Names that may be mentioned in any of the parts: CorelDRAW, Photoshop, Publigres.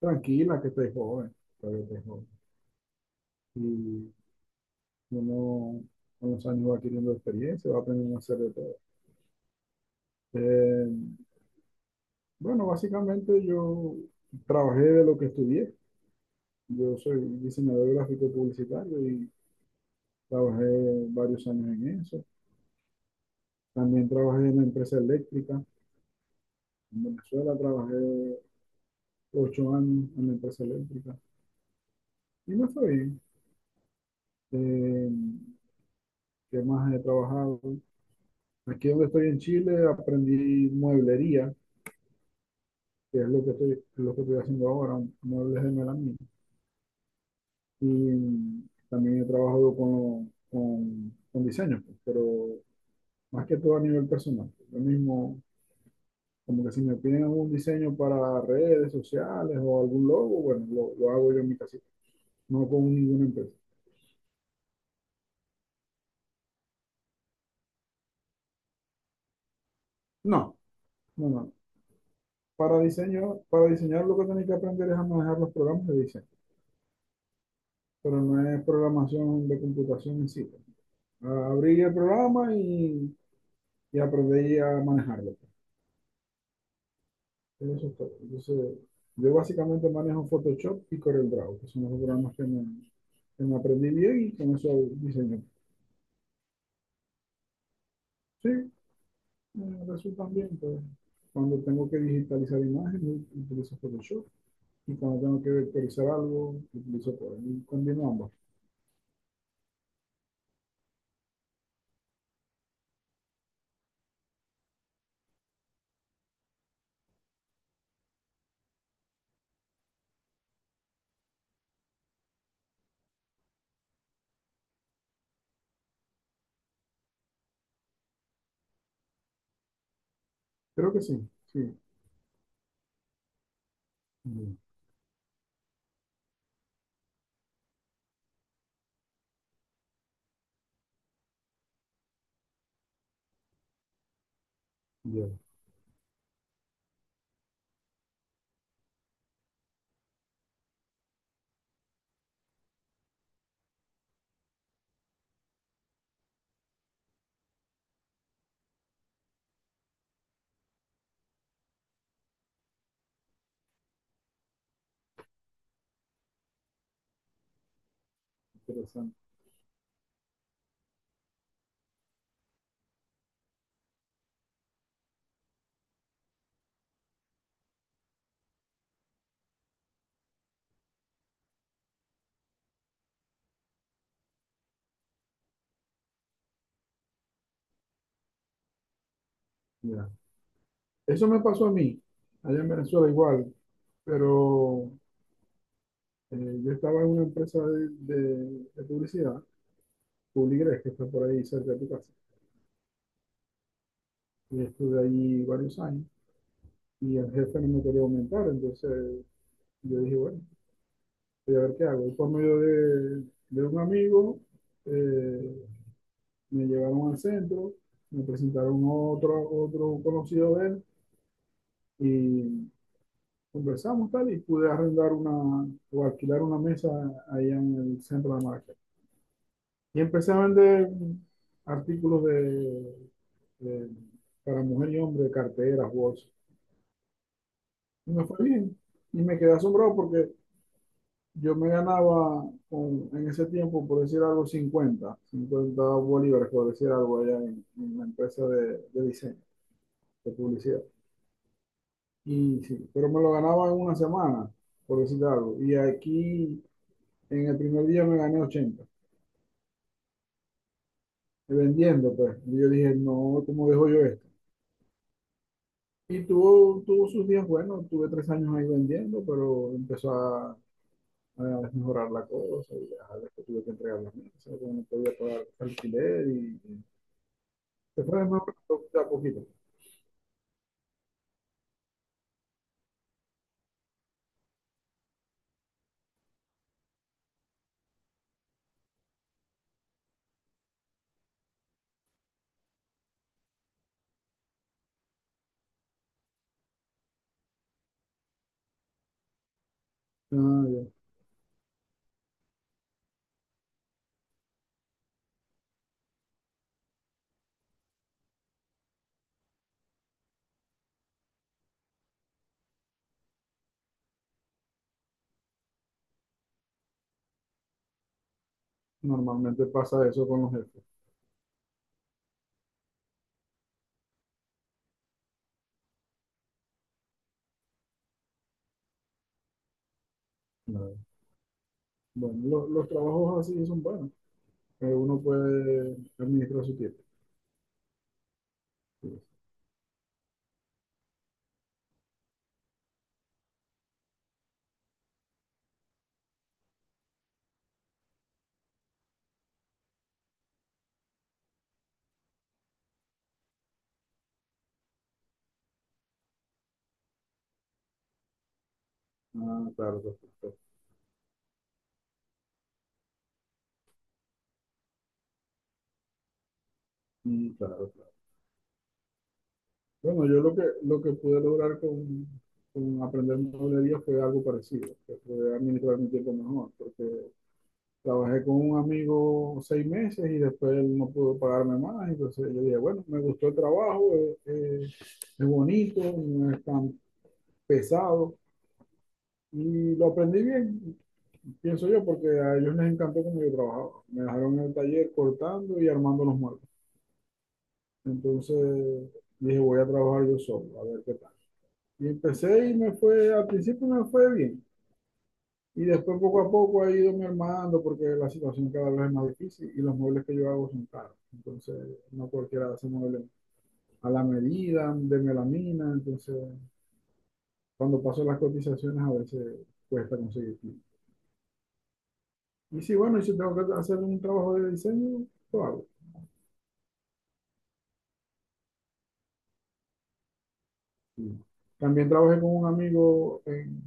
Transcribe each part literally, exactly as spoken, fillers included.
Tranquila, que te joven, todavía te joven. Y uno con los años va adquiriendo experiencia, va aprendiendo a hacer de todo. Eh, bueno, básicamente yo trabajé de lo que estudié. Yo soy diseñador gráfico publicitario y trabajé varios años en eso. También trabajé en la empresa eléctrica. En Venezuela trabajé ocho años en la empresa eléctrica y me fue bien. Eh, ¿Qué más he trabajado? Aquí donde estoy en Chile aprendí mueblería que es lo que estoy, lo que estoy haciendo ahora, muebles de melamina. Y también he trabajado con, con, con diseños, pues, pero más que todo a nivel personal. Lo mismo, como que si me piden algún diseño para redes sociales o algún logo, bueno, lo, lo hago yo en mi casita, no con ninguna empresa. No, no, no. Para diseño, para diseñar lo que tenéis que aprender es a manejar los programas de diseño, pero no es programación de computación en sí. Abrir el programa y, y aprender a manejarlo. En eso estoy. Entonces, yo básicamente manejo Photoshop y CorelDRAW, que son los programas que me, que me aprendí bien y con eso diseño. Sí, me resultan bien, pues. Cuando tengo que digitalizar imágenes, utilizo Photoshop. Y cuando tengo que vectorizar algo, utilizo Corel. Y combino ambos. Creo que sí, sí. Bien, bien, interesante. Ya. Eso me pasó a mí, allá en Venezuela igual, pero eh, yo estaba en una empresa de, de- de publicidad, Publigres, que está por ahí cerca de tu casa. Y estuve allí varios años y el jefe no me quería aumentar, entonces yo dije, bueno, voy a ver qué hago. Y por medio de, de un amigo eh, me llevaron al centro, me presentaron otro, otro conocido de él y conversamos tal y pude arrendar una o alquilar una mesa allá en el centro de market. Y empecé a vender artículos de, de- para mujer y hombre, carteras, bolsas. Y me fue bien. Y me quedé asombrado porque yo me ganaba con- en ese tiempo, por decir algo, cincuenta cincuenta bolívares, por decir algo, allá en, en la empresa de, de diseño, de publicidad. Y sí, pero me lo ganaba en una semana, por decir algo. Y aquí, en el primer día, me gané ochenta vendiendo, pues. Y yo dije, no, ¿cómo dejo yo esto? Y tuvo, tuvo sus días buenos, tuve tres años ahí vendiendo, pero empezó a, a mejorar la cosa. Y ya, después tuve que entregar las mesas, porque no podía pagar alquiler. Y se fue de nuevo, pero de a poquito. Ah, ya. Normalmente pasa eso con los jefes. No. Bueno, lo- los trabajos así son buenos. Que uno puede administrar su tiempo. Sí. Ah, claro, perfecto. Mm, claro. Bueno, yo lo que, lo que pude lograr con, con aprender mueblería fue algo parecido, que fue administrar mi tiempo mejor, porque trabajé con un amigo seis meses y después él no pudo pagarme más, entonces yo dije, bueno, me gustó el trabajo, eh, eh, es bonito, no es tan pesado. Y lo aprendí bien, pienso yo, porque a ellos les encantó cómo yo trabajaba. Me dejaron en el taller cortando y armando los muebles. Entonces dije, voy a trabajar yo solo, a ver qué tal. Y empecé y me fue, al principio me fue bien. Y después poco a poco ha ido me armando porque la situación cada vez es más difícil y los muebles que yo hago son caros. Entonces, no cualquiera hace muebles a la medida, de melamina. Entonces, cuando paso las cotizaciones a veces cuesta conseguir. Y sí, bueno, y si tengo que hacer un trabajo de diseño, lo hago. Sí. También trabajé con un amigo en,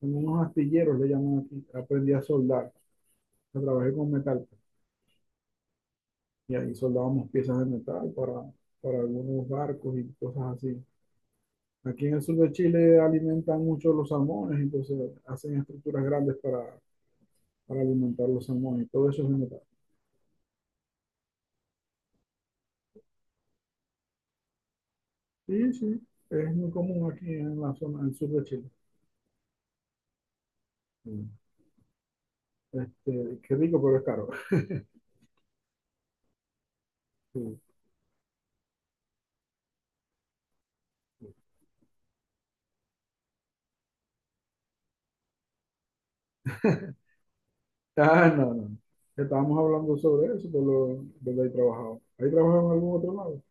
en unos astilleros, le llaman aquí. Aprendí a soldar. O sea, trabajé con metal. Y ahí soldábamos piezas de metal para, para algunos barcos y cosas así. Aquí en el sur de Chile alimentan mucho los salmones, entonces hacen estructuras grandes para, para alimentar los salmones. Y todo eso es de metal. Sí, sí. Es muy común aquí en la zona del sur de Chile. Sí. Este, qué rico, pero es caro. Sí. Ah, no, no. Estábamos hablando sobre eso, de lo, de lo que he trabajado. ¿Hay trabajado en algún otro lado?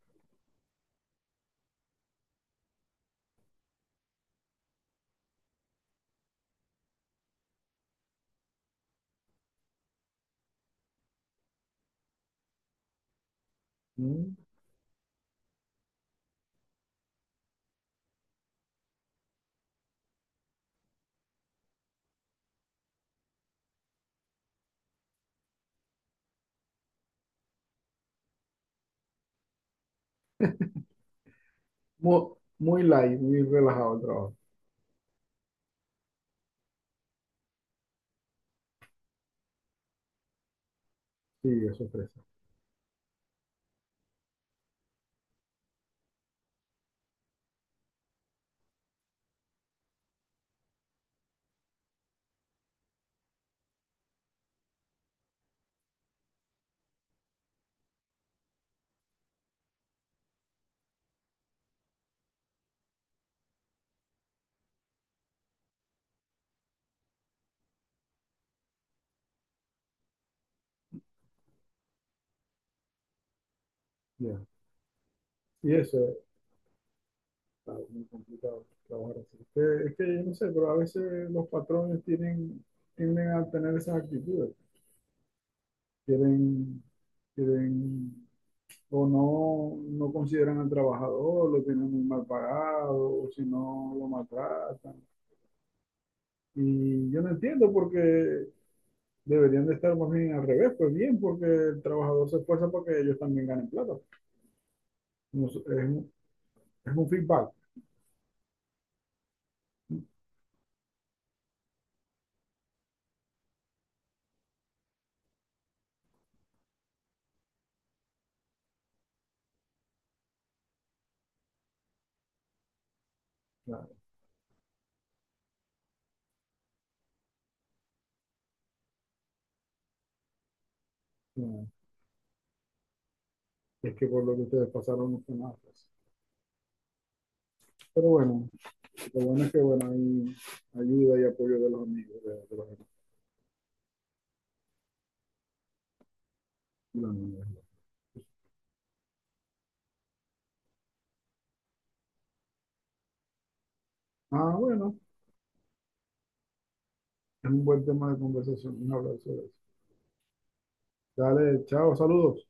Mm. Muy, muy light, muy relajado el trabajo. Sí, eso es fresa. Ya. Y eso es claro, muy complicado, trabajar así. Es que, es que yo no sé, pero a veces los patrones tienen, tienden a tener esas actitudes. Quieren, quieren, o no, no consideran al trabajador, lo tienen muy mal pagado, o si no, lo maltratan. Y yo no entiendo porque deberían de estar más bien al revés, pues bien, porque el trabajador se esfuerza porque ellos también ganen plata. No sé, es, un- es un feedback. Claro. No, es que por lo que ustedes pasaron no fue nada, pues. Pero bueno, lo bueno es que bueno, hay ayuda y apoyo de los amigos. De- de los amigos. Ah, bueno, es un buen tema de conversación. Un abrazo. Dale, chao, saludos.